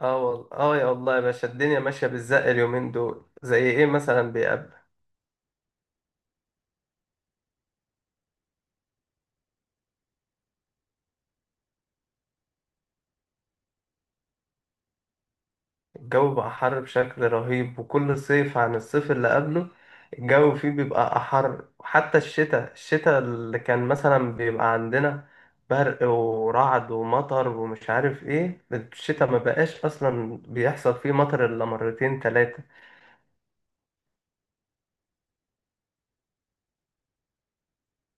اه والله اه، يا الله يا باشا، الدنيا ماشية بالزق اليومين دول. زي ايه مثلا بيقابل الجو بقى حر بشكل رهيب، وكل صيف عن الصيف اللي قبله الجو فيه بيبقى أحر. وحتى الشتاء اللي كان مثلا بيبقى عندنا برق ورعد ومطر ومش عارف ايه، الشتاء ما بقاش اصلا بيحصل فيه مطر الا مرتين تلاتة.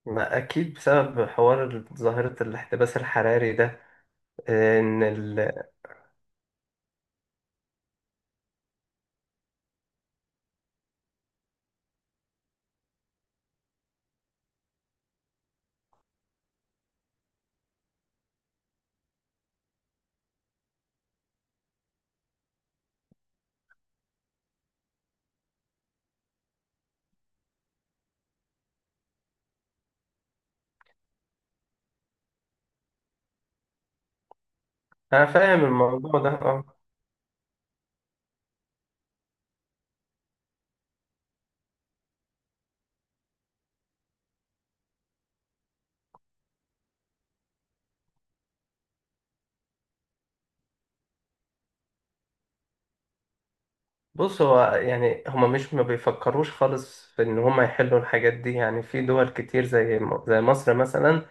ما اكيد بسبب حوار ظاهرة الاحتباس الحراري ده. آه، ان ال... انا فاهم الموضوع ده اه. بص، هو يعني هما مش ما بيفكروش خالص في ان هما يحلوا الحاجات دي، يعني في دول كتير زي مصر مثلا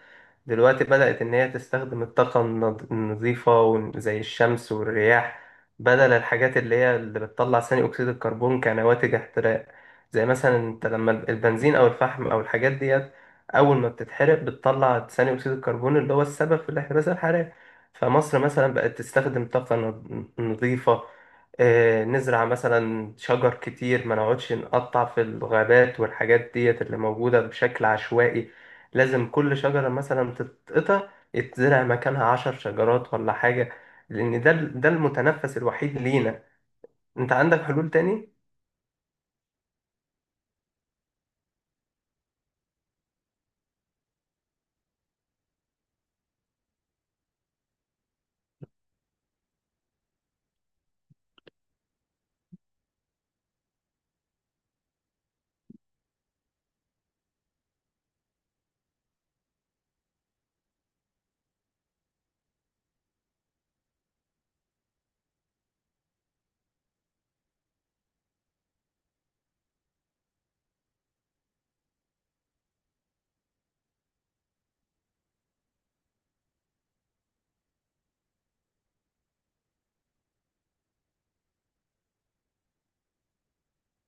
دلوقتي بدأت ان هي تستخدم الطاقة النظيفة، زي الشمس والرياح، بدل الحاجات اللي هي اللي بتطلع ثاني اكسيد الكربون كنواتج احتراق. زي مثلا انت لما البنزين او الفحم او الحاجات ديت اول ما بتتحرق بتطلع ثاني اكسيد الكربون اللي هو السبب في الاحتباس الحراري. فمصر مثلا بقت تستخدم طاقة نظيفة. نزرع مثلا شجر كتير، ما نقعدش نقطع في الغابات والحاجات ديت اللي موجودة بشكل عشوائي. لازم كل شجرة مثلا تتقطع، يتزرع مكانها 10 شجرات ولا حاجة، لأن ده المتنفس الوحيد لينا. أنت عندك حلول تاني؟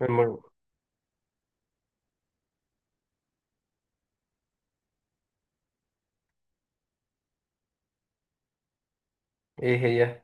مم. إيه هي؟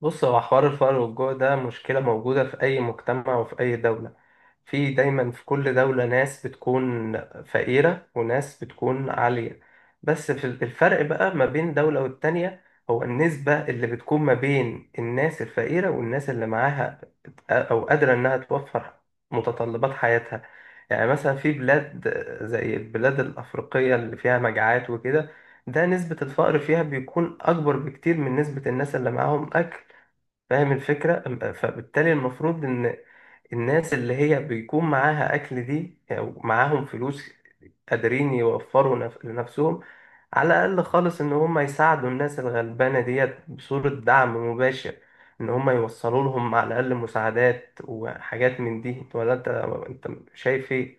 بص، هو حوار الفقر والجوع ده مشكلة موجودة في أي مجتمع وفي أي دولة. في دايما في كل دولة ناس بتكون فقيرة وناس بتكون عالية، بس في الفرق بقى ما بين دولة والتانية هو النسبة اللي بتكون ما بين الناس الفقيرة والناس اللي معاها أو قادرة إنها توفر متطلبات حياتها. يعني مثلا في بلاد زي البلاد الأفريقية اللي فيها مجاعات وكده، ده نسبة الفقر فيها بيكون أكبر بكتير من نسبة الناس اللي معاهم أكل. فاهم الفكرة؟ فبالتالي المفروض إن الناس اللي هي بيكون معاها أكل دي أو معاهم فلوس قادرين يوفروا لنفسهم على الأقل خالص، إن هم يساعدوا الناس الغلبانة ديت بصورة دعم مباشر، إن هم يوصلوا لهم على الأقل مساعدات وحاجات من دي. ولا أنت شايف إيه؟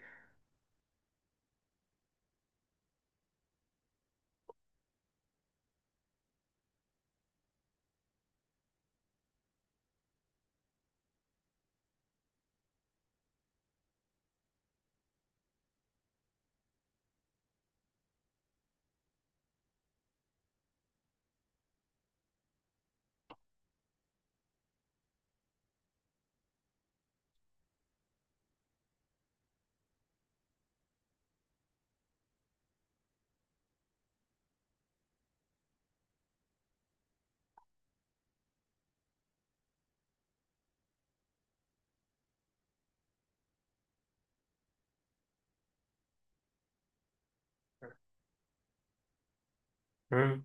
مم.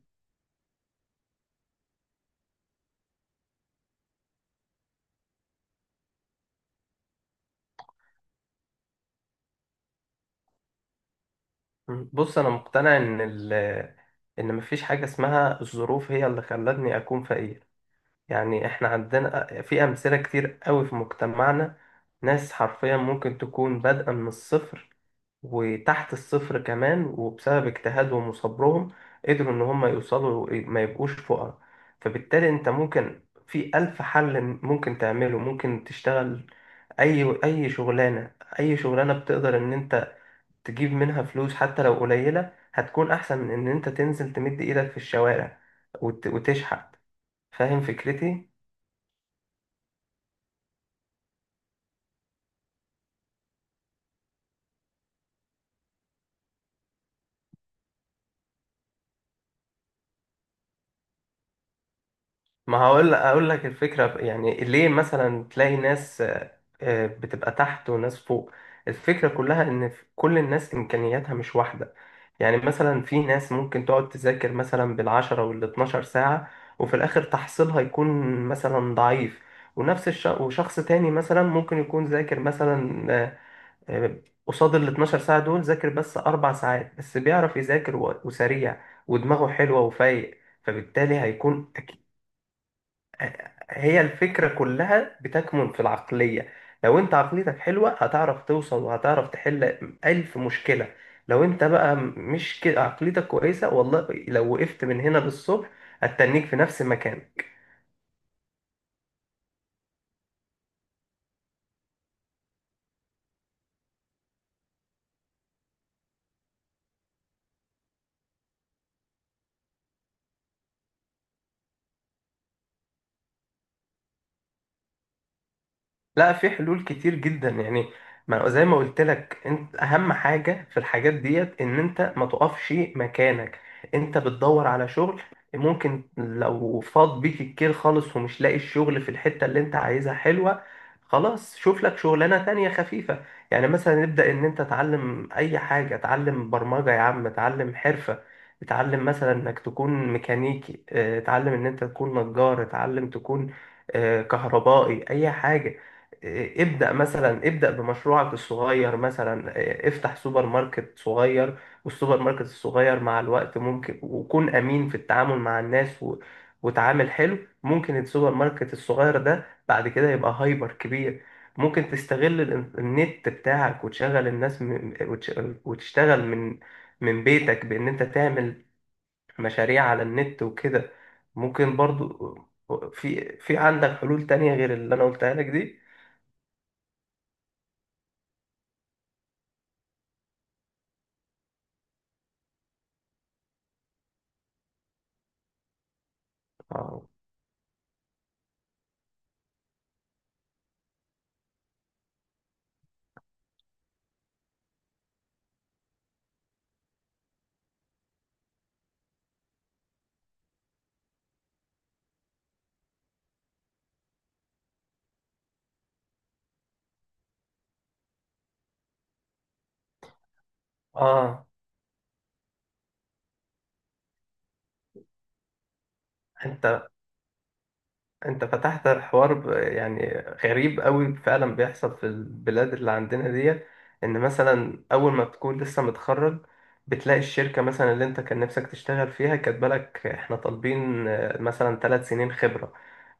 بص، أنا مقتنع إن ال إن مفيش حاجة اسمها الظروف هي اللي خلتني أكون فقير. يعني احنا عندنا في أمثلة كتير قوي في مجتمعنا، ناس حرفيا ممكن تكون بادئة من الصفر وتحت الصفر كمان، وبسبب اجتهادهم وصبرهم قدروا إن هم يوصلوا ما يبقوش فقراء. فبالتالي أنت ممكن في ألف حل ممكن تعمله، ممكن تشتغل أي أي شغلانة، أي شغلانة بتقدر إن أنت تجيب منها فلوس حتى لو قليلة هتكون أحسن من إن أنت تنزل تمد إيدك في الشوارع وتشحت. فاهم فكرتي؟ ما اقول لك الفكره، يعني ليه مثلا تلاقي ناس بتبقى تحت وناس فوق. الفكره كلها ان كل الناس امكانياتها مش واحده. يعني مثلا في ناس ممكن تقعد تذاكر مثلا بالعشرة وال12 ساعه، وفي الاخر تحصيلها يكون مثلا ضعيف. وشخص تاني مثلا ممكن يكون ذاكر مثلا آه، قصاد ال 12 ساعه دول، ذاكر بس 4 ساعات بس بيعرف يذاكر وسريع، ودماغه حلوه وفايق. فبالتالي هي الفكرة كلها بتكمن في العقلية. لو انت عقليتك حلوة هتعرف توصل، وهتعرف تحل ألف مشكلة. لو انت بقى مش كده عقليتك كويسة، والله لو وقفت من هنا للصبح هتتنيك في نفس المكان. لا، في حلول كتير جدا يعني. ما زي ما قلت لك، انت اهم حاجه في الحاجات ديت ان انت ما تقفش مكانك. انت بتدور على شغل، ممكن لو فاض بيك الكيل خالص ومش لاقي الشغل في الحته اللي انت عايزها حلوه، خلاص شوف لك شغلانه تانية خفيفه. يعني مثلا نبدا ان انت تعلم اي حاجه، تعلم برمجه يا عم، تعلم حرفه، تعلم مثلا انك تكون ميكانيكي، تعلم ان انت تكون نجار، تعلم تكون اه، كهربائي، اي حاجه. ابدأ مثلا، ابدأ بمشروعك الصغير، مثلا افتح سوبر ماركت صغير. والسوبر ماركت الصغير مع الوقت ممكن، وكون أمين في التعامل مع الناس وتعامل حلو، ممكن السوبر ماركت الصغير ده بعد كده يبقى هايبر كبير. ممكن تستغل النت بتاعك وتشغل الناس وتشتغل من بيتك بإن أنت تعمل مشاريع على النت وكده. ممكن برضو، في عندك حلول تانية غير اللي أنا قلتها لك دي؟ آه، اه انت انت فتحت الحوار يعني غريب قوي فعلا بيحصل في البلاد اللي عندنا دي. ان مثلا اول ما بتكون لسه متخرج، بتلاقي الشركة مثلا اللي انت كان نفسك تشتغل فيها كاتبه لك احنا طالبين مثلا 3 سنين خبرة.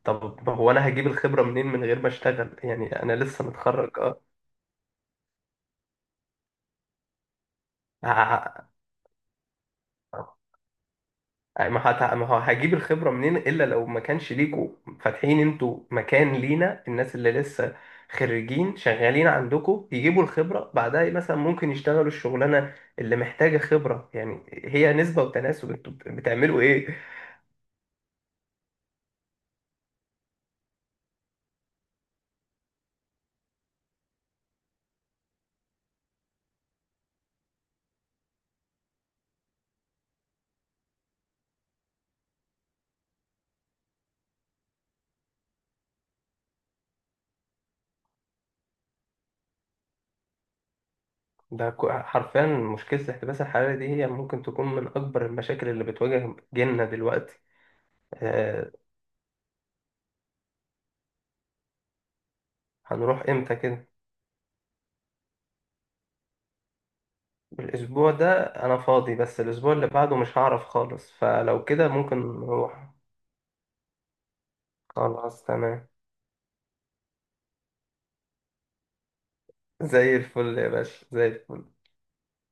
طب هو انا هجيب الخبرة منين من غير ما اشتغل؟ يعني انا لسه متخرج اه. ه- ما هو هجيب الخبرة منين، إلا لو ما كانش ليكوا فاتحين انتوا مكان لينا الناس اللي لسه خريجين شغالين عندكوا يجيبوا الخبرة بعدها، مثلا ممكن يشتغلوا الشغلانة اللي محتاجة خبرة، يعني هي نسبة وتناسب. انتوا بتعملوا ايه؟ ده حرفيا مشكلة الاحتباس الحراري دي هي ممكن تكون من أكبر المشاكل اللي بتواجه جيلنا دلوقتي. آه، هنروح امتى كده؟ الأسبوع ده أنا فاضي، بس الأسبوع اللي بعده مش هعرف خالص، فلو كده ممكن نروح. خلاص تمام. زي الفل يا باشا، زي الفل.